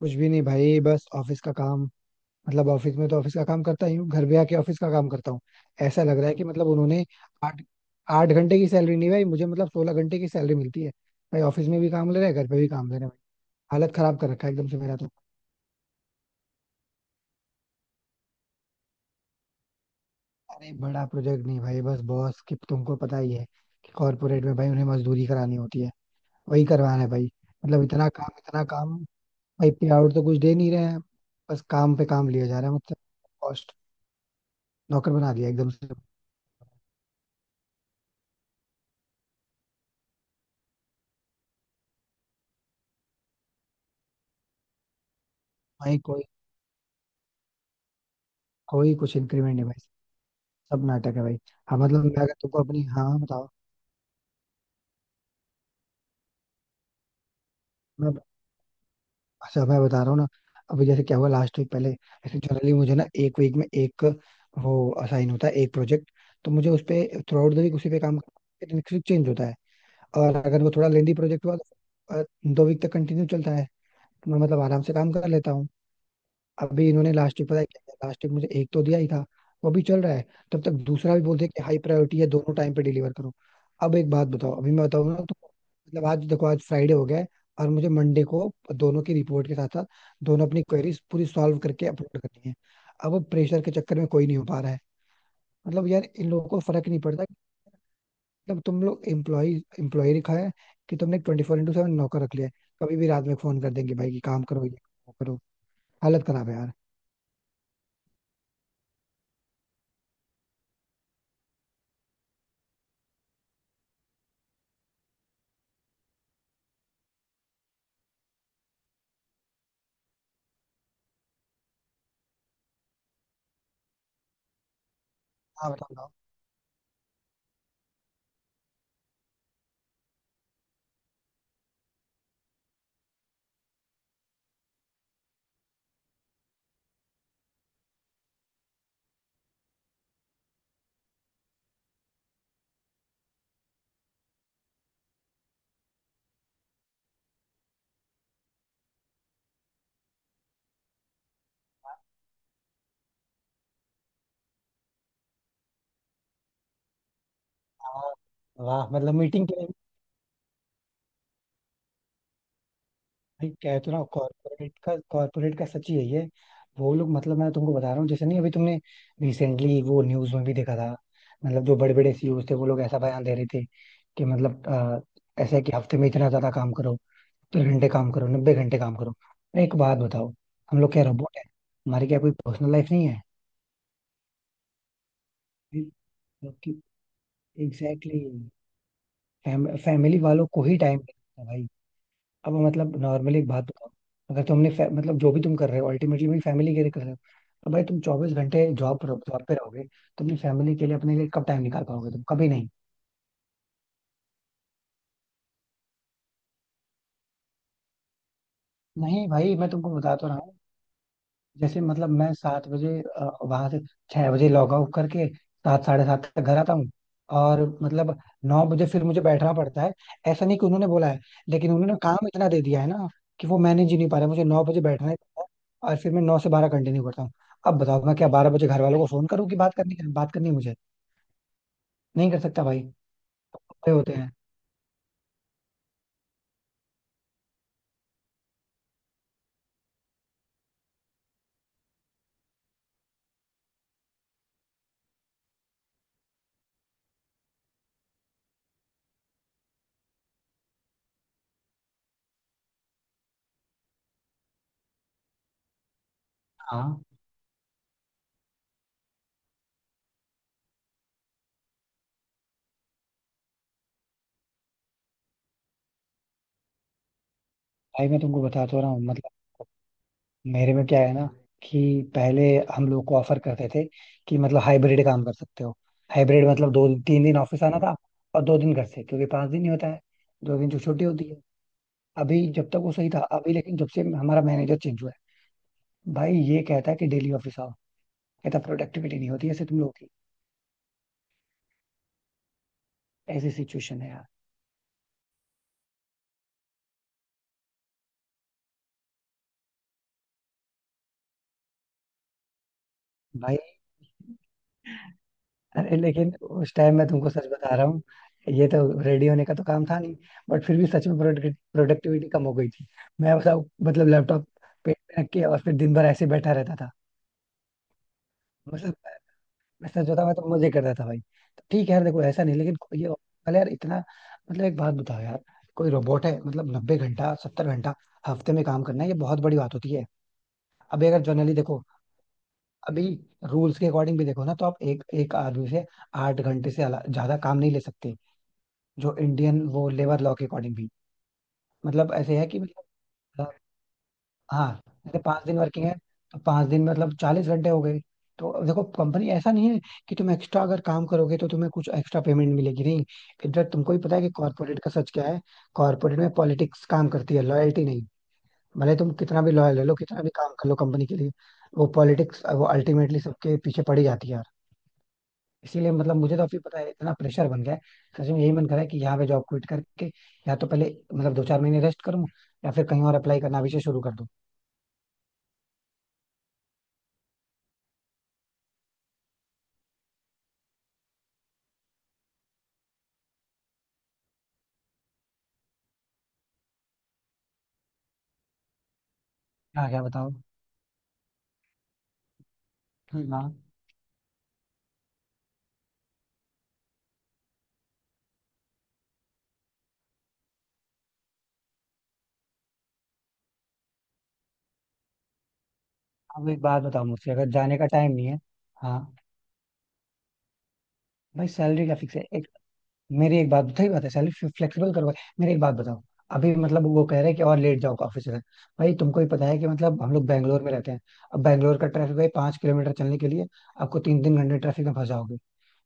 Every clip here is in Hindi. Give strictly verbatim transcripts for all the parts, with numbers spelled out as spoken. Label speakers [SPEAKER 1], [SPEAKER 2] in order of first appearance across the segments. [SPEAKER 1] कुछ भी नहीं भाई, बस ऑफिस का काम। मतलब ऑफिस में तो ऑफिस का काम करता ही हूँ, घर भी आके ऑफिस का काम करता हूँ। ऐसा लग रहा है कि मतलब उन्होंने आठ आठ घंटे की सैलरी नहीं भाई मुझे, मतलब सोलह घंटे की सैलरी मिलती है भाई। ऑफिस में भी काम ले रहे हैं, घर पे भी काम ले रहे हैं भाई। हालत खराब कर रखा है एकदम से मेरा तो। अरे बड़ा प्रोजेक्ट नहीं भाई, बस बॉस की, तुमको पता ही है कि कॉर्पोरेट में भाई उन्हें मजदूरी करानी होती है। वही करवाना है भाई। मतलब इतना काम, इतना काम भाई, पे आउट तो कुछ दे नहीं रहे हैं। बस काम पे काम लिया जा रहा है मतलब। कॉस्ट, नौकर बना दिया एकदम से। भाई कोई कोई कुछ इंक्रीमेंट नहीं भाई, सब नाटक है भाई। हाँ मतलब मैं अगर तुमको अपनी, हाँ हाँ, बताओ। मैं, अच्छा, मैं बता रहा हूँ ना। अभी जैसे क्या हुआ लास्ट वीक, पहले ऐसे जनरली मुझे ना एक वीक में एक वो असाइन होता है एक प्रोजेक्ट, तो मुझे उस पे थ्रू आउट द वीक उसी पे काम करना, फिर चेंज होता है। और अगर वो थोड़ा लेंदी प्रोजेक्ट हुआ तो अ, दो वीक तक कंटिन्यू चलता है। तो मैं मतलब आराम से काम कर लेता हूँ। अभी इन्होंने लास्ट वीक पता है क्या किया? लास्ट वीक मुझे एक तो दिया ही था, वो भी चल रहा है, तब तक दूसरा भी बोलते हैं कि हाई प्रायोरिटी है, दोनों टाइम पे डिलीवर करो। अब एक बात बताओ, अभी मैं बताऊँ ना तो, मतलब आज देखो आज फ्राइडे हो गया है, और मुझे मंडे को दोनों की रिपोर्ट के साथ साथ दोनों अपनी क्वेरीज पूरी सॉल्व करके अपलोड करनी है। अब वो प्रेशर के चक्कर में कोई नहीं हो पा रहा है। मतलब यार इन लोगों को फर्क नहीं पड़ता कि, मतलब तुम लोग एम्प्लॉय एम्प्लॉय रखा है कि तुमने ट्वेंटी फोर इंटू सेवन नौकर रख लिया है? कभी भी रात में फोन कर देंगे भाई कि काम करो, ये करो, वो करो। हालत खराब है यार। हाँ बताओ। हाँ, वाह, मतलब मीटिंग के लिए! भाई कह तो रहा हूँ, कॉर्पोरेट का, कॉर्पोरेट का सच ही है ये। वो लोग, मतलब मैं तुमको बता रहा हूँ, जैसे नहीं अभी तुमने रिसेंटली वो न्यूज में भी देखा था, मतलब जो बड़े बड़े सी ई ओ थे वो लोग ऐसा बयान दे रहे थे कि मतलब अ, ऐसा है कि हफ्ते में इतना ज्यादा काम करो, तीन घंटे काम करो, नब्बे घंटे काम करो। अरे एक बात बताओ, हम लोग क्या रोबोट है हमारी क्या कोई पर्सनल लाइफ नहीं है? एग्जैक्टली। फैमिली वालों को ही टाइम भाई। अब मतलब नॉर्मली एक बात बताओ, अगर तुमने फै- मतलब जो भी तुम कर रहे हो अल्टीमेटली भी फैमिली के लिए कर रहे हो। अब भाई तुम चौबीस घंटे जॉब पर जॉब पे रहोगे, तुमने फैमिली के लिए, अपने लिए कब टाइम निकाल पाओगे? तुम कभी नहीं। नहीं भाई मैं तुमको बता तो रहा हूँ। जैसे मतलब मैं सात बजे वहां से, छह बजे लॉग आउट करके सात साढ़े सात तक घर आता हूँ, और मतलब नौ बजे फिर मुझे बैठना पड़ता है। ऐसा नहीं कि उन्होंने बोला है, लेकिन उन्होंने काम इतना दे दिया है ना कि वो मैनेज ही नहीं पा रहा, मुझे नौ बजे बैठना ही पड़ता है। और फिर मैं नौ से बारह कंटिन्यू करता हूँ। अब बताओ मैं क्या बारह बजे घर वालों को फोन करूँ कि बात करनी बात करनी है मुझे? नहीं कर सकता भाई। बड़े होते हैं। हाँ भाई मैं तुमको बता तो रहा हूँ। मतलब मेरे में क्या है ना कि पहले हम लोग को ऑफर करते थे कि मतलब हाइब्रिड काम कर सकते हो। हाइब्रिड मतलब दो तीन दिन ऑफिस आना था, और दो दिन घर से, क्योंकि पांच दिन ही होता है, दो दिन तो छुट्टी होती है। अभी जब तक वो सही था, अभी लेकिन जब से हमारा मैनेजर चेंज हुआ है भाई, ये कहता है कि डेली ऑफिस आओ। कहता प्रोडक्टिविटी नहीं होती ऐसे तुम लोग की। ऐसी सिचुएशन है यार। अरे लेकिन उस टाइम मैं तुमको सच बता रहा हूँ, ये तो रेडी होने का तो काम था नहीं, बट फिर भी सच में प्रोडक्टिविटी कम हो गई थी। मैं बताऊँ, मतलब लैपटॉप पेट पे रख के और फिर दिन भर ऐसे बैठा रहता था। मतलब मैं सच बताऊँ, मैं तो मजे करता था भाई। तो ठीक है यार, देखो ऐसा नहीं, लेकिन कोई ये, पहले यार इतना, मतलब एक बात बताओ यार, कोई रोबोट है? मतलब नब्बे घंटा, सत्तर घंटा हफ्ते में काम करना है, ये बहुत बड़ी बात होती है। अभी अगर जनरली देखो, अभी रूल्स के अकॉर्डिंग भी देखो ना तो आप एक एक आदमी से आठ घंटे से अला- ज्यादा काम नहीं ले सकते, जो इंडियन वो लेबर लॉ के अकॉर्डिंग भी। मतलब ऐसे है कि मतलब अ, हाँ जैसे पांच दिन वर्किंग है, तो पांच दिन में मतलब चालीस घंटे हो गए। तो अब देखो कंपनी ऐसा नहीं है कि तुम एक्स्ट्रा अगर काम करोगे तो तुम्हें कुछ एक्स्ट्रा पेमेंट मिलेगी, नहीं। इधर तुमको ही पता है कि कॉर्पोरेट का सच क्या है। कॉर्पोरेट में पॉलिटिक्स काम करती है, लॉयल्टी नहीं। भले तुम कितना भी लॉयल रह लो, कितना भी काम कर लो कंपनी के लिए, वो पॉलिटिक्स, वो अल्टीमेटली सबके पीछे पड़ी जाती है। इसीलिए मतलब मुझे तो अभी पता है इतना प्रेशर बन गया है, सच में यही मन करा है कि यहाँ पे जॉब क्विट करके या तो पहले मतलब दो चार महीने रेस्ट करूँ, या फिर कहीं और अप्लाई करना अभी से शुरू कर दूँ। हाँ क्या बताओ। हम्म हाँ, अब एक बात बताओ मुझसे, अगर जाने का टाइम नहीं है, हाँ। भाई सैलरी क्या फिक्स है? एक, मेरी एक बात सही बात है, सैलरी फ्लेक्सिबल करो भाई। मेरी एक बात बताओ, अभी मतलब वो कह रहे हैं कि और लेट जाओ ऑफिस से। भाई तुमको ही पता है कि मतलब हम लोग बैंगलोर में रहते हैं। अब बैंगलोर का ट्रैफिक, भाई पांच किलोमीटर चलने के लिए आपको तीन तीन घंटे ट्रैफिक में फंस जाओगे।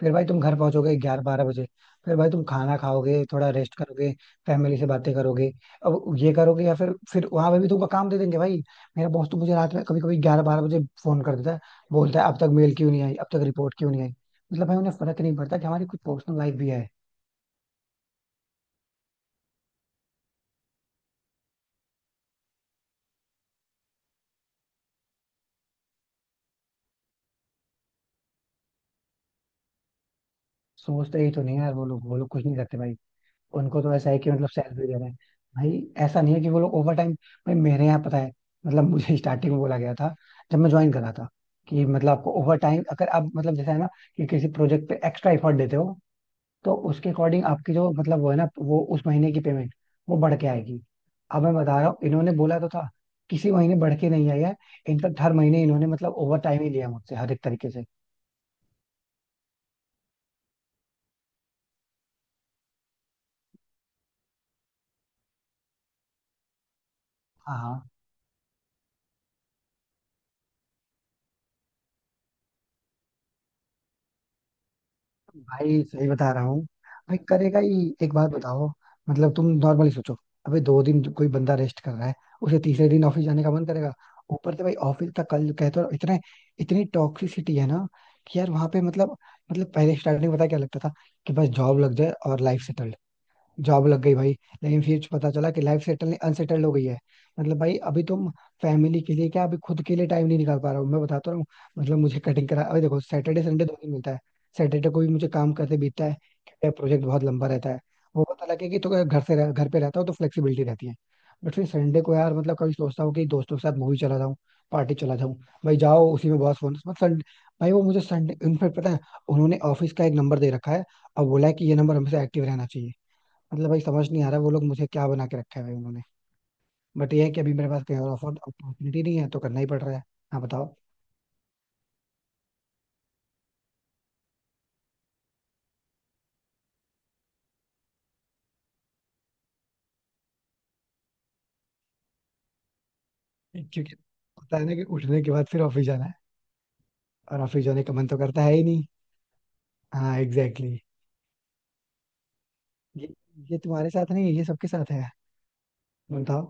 [SPEAKER 1] फिर भाई तुम घर पहुंचोगे ग्यारह बारह बजे। फिर भाई तुम खाना खाओगे, थोड़ा रेस्ट करोगे, फैमिली से बातें करोगे। अब ये करोगे या फिर फिर वहां पे भी तुमको काम दे देंगे भाई। मेरा बॉस तो मुझे रात में कभी कभी ग्यारह बारह बजे फोन कर देता है। बोलता है अब तक मेल क्यों नहीं आई, अब तक रिपोर्ट क्यों नहीं आई। मतलब भाई उन्हें फर्क नहीं पड़ता कि हमारी कुछ पर्सनल लाइफ भी है। सोचते ही तो नहीं है यार। वो लोग वो लोग कुछ नहीं करते भाई। उनको तो ऐसा है कि मतलब सैलरी दे रहे हैं। भाई ऐसा नहीं है कि वो लोग ओवर टाइम, भाई मेरे यहाँ पता है मतलब मुझे स्टार्टिंग में बोला गया था जब मैं ज्वाइन करा था कि मतलब आपको ओवर टाइम, अगर आप मतलब जैसा है ना कि किसी प्रोजेक्ट पे एक्स्ट्रा एफर्ट देते हो तो उसके अकॉर्डिंग आपकी जो मतलब वो है ना वो उस महीने की पेमेंट वो बढ़ के आएगी। अब मैं बता रहा हूँ, इन्होंने बोला तो था, किसी महीने बढ़ के नहीं आई है। इनफैक्ट हर महीने इन्होंने मतलब ओवर टाइम ही लिया मुझसे, हर एक तरीके से। हाँ, हाँ भाई सही बता रहा हूँ। भाई करेगा ही, एक बात बताओ, मतलब तुम नॉर्मली सोचो, अबे दो दिन कोई बंदा रेस्ट कर रहा है उसे तीसरे दिन ऑफिस जाने का मन करेगा? ऊपर से भाई ऑफिस तक कल कहते हो, इतने, इतनी टॉक्सिसिटी है ना कि यार वहां पे मतलब, मतलब पहले स्टार्टिंग पता है क्या लगता था कि बस जॉब लग जाए और लाइफ सेटल। जॉब लग गई भाई, लेकिन फिर पता चला कि लाइफ सेटल, अनसेटल्ड हो गई है। मतलब भाई अभी तुम फैमिली के लिए क्या, अभी खुद के लिए टाइम नहीं निकाल पा रहा हूँ मैं, बताता रहा हूँ। मतलब मुझे कटिंग करा, अभी देखो सैटरडे संडे दो दिन मिलता है, सैटरडे को भी मुझे काम करते बीतता है क्योंकि प्रोजेक्ट बहुत लंबा रहता है। वो पता लगे कि, तो अगर घर से रह, घर पे रहता हूँ तो फ्लेक्सिबिलिटी रहती है। बट फिर संडे को यार मतलब कभी सोचता हूँ कि दोस्तों के साथ मूवी चला जाऊँ, पार्टी चला जाऊँ, भाई जाओ उसी में बहुत फोन, मतलब संडे, भाई वो मुझे संडे इनफेक्ट पता है उन्होंने ऑफिस का एक नंबर दे रखा है और बोला है कि ये नंबर हमेशा एक्टिव रहना चाहिए। मतलब भाई समझ नहीं आ रहा वो लोग मुझे क्या बना के रखा है भाई उन्होंने। बट ये है कि अभी मेरे पास कहीं और ऑफर अपॉर्चुनिटी नहीं है, तो करना ही पड़ रहा है। हाँ बताओ। क्योंकि पता है ना कि उठने के बाद फिर ऑफिस जाना है, और ऑफिस जाने का मन तो करता है ही नहीं। हाँ, एग्जैक्टली exactly. ये ये तुम्हारे साथ नहीं है, ये सबके साथ है। बताओ।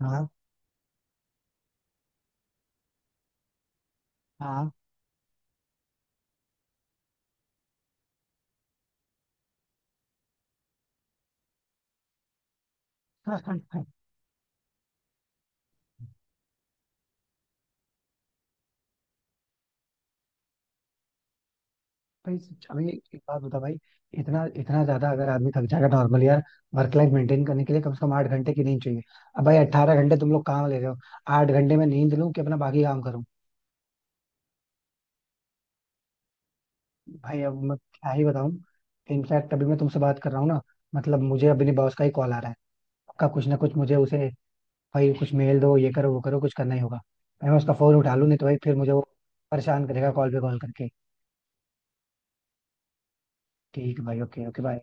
[SPEAKER 1] हाँ। हाँ भाई, अभी एक एक बात बता भाई, इतना इतना ज्यादा अगर आदमी थक जाएगा, नॉर्मल यार वर्क लाइफ मेंटेन करने के लिए कम से कम आठ घंटे की नींद चाहिए। अब भाई अट्ठारह घंटे तुम लोग काम ले रहे हो, आठ घंटे में नींद लूं कि अपना बाकी काम? भाई अब मैं क्या ही बताऊं, इनफैक्ट अभी मैं तुमसे बात कर रहा हूँ ना मतलब मुझे अपने बॉस का ही कॉल आ रहा है। आपका कुछ ना कुछ, मुझे उसे, भाई कुछ मेल दो, ये करो, वो करो, कुछ करना ही होगा भाई। मैं उसका फोन उठा लूं नहीं तो भाई फिर मुझे वो परेशान करेगा कॉल पे कॉल करके। ठीक है भाई, ओके ओके, बाय।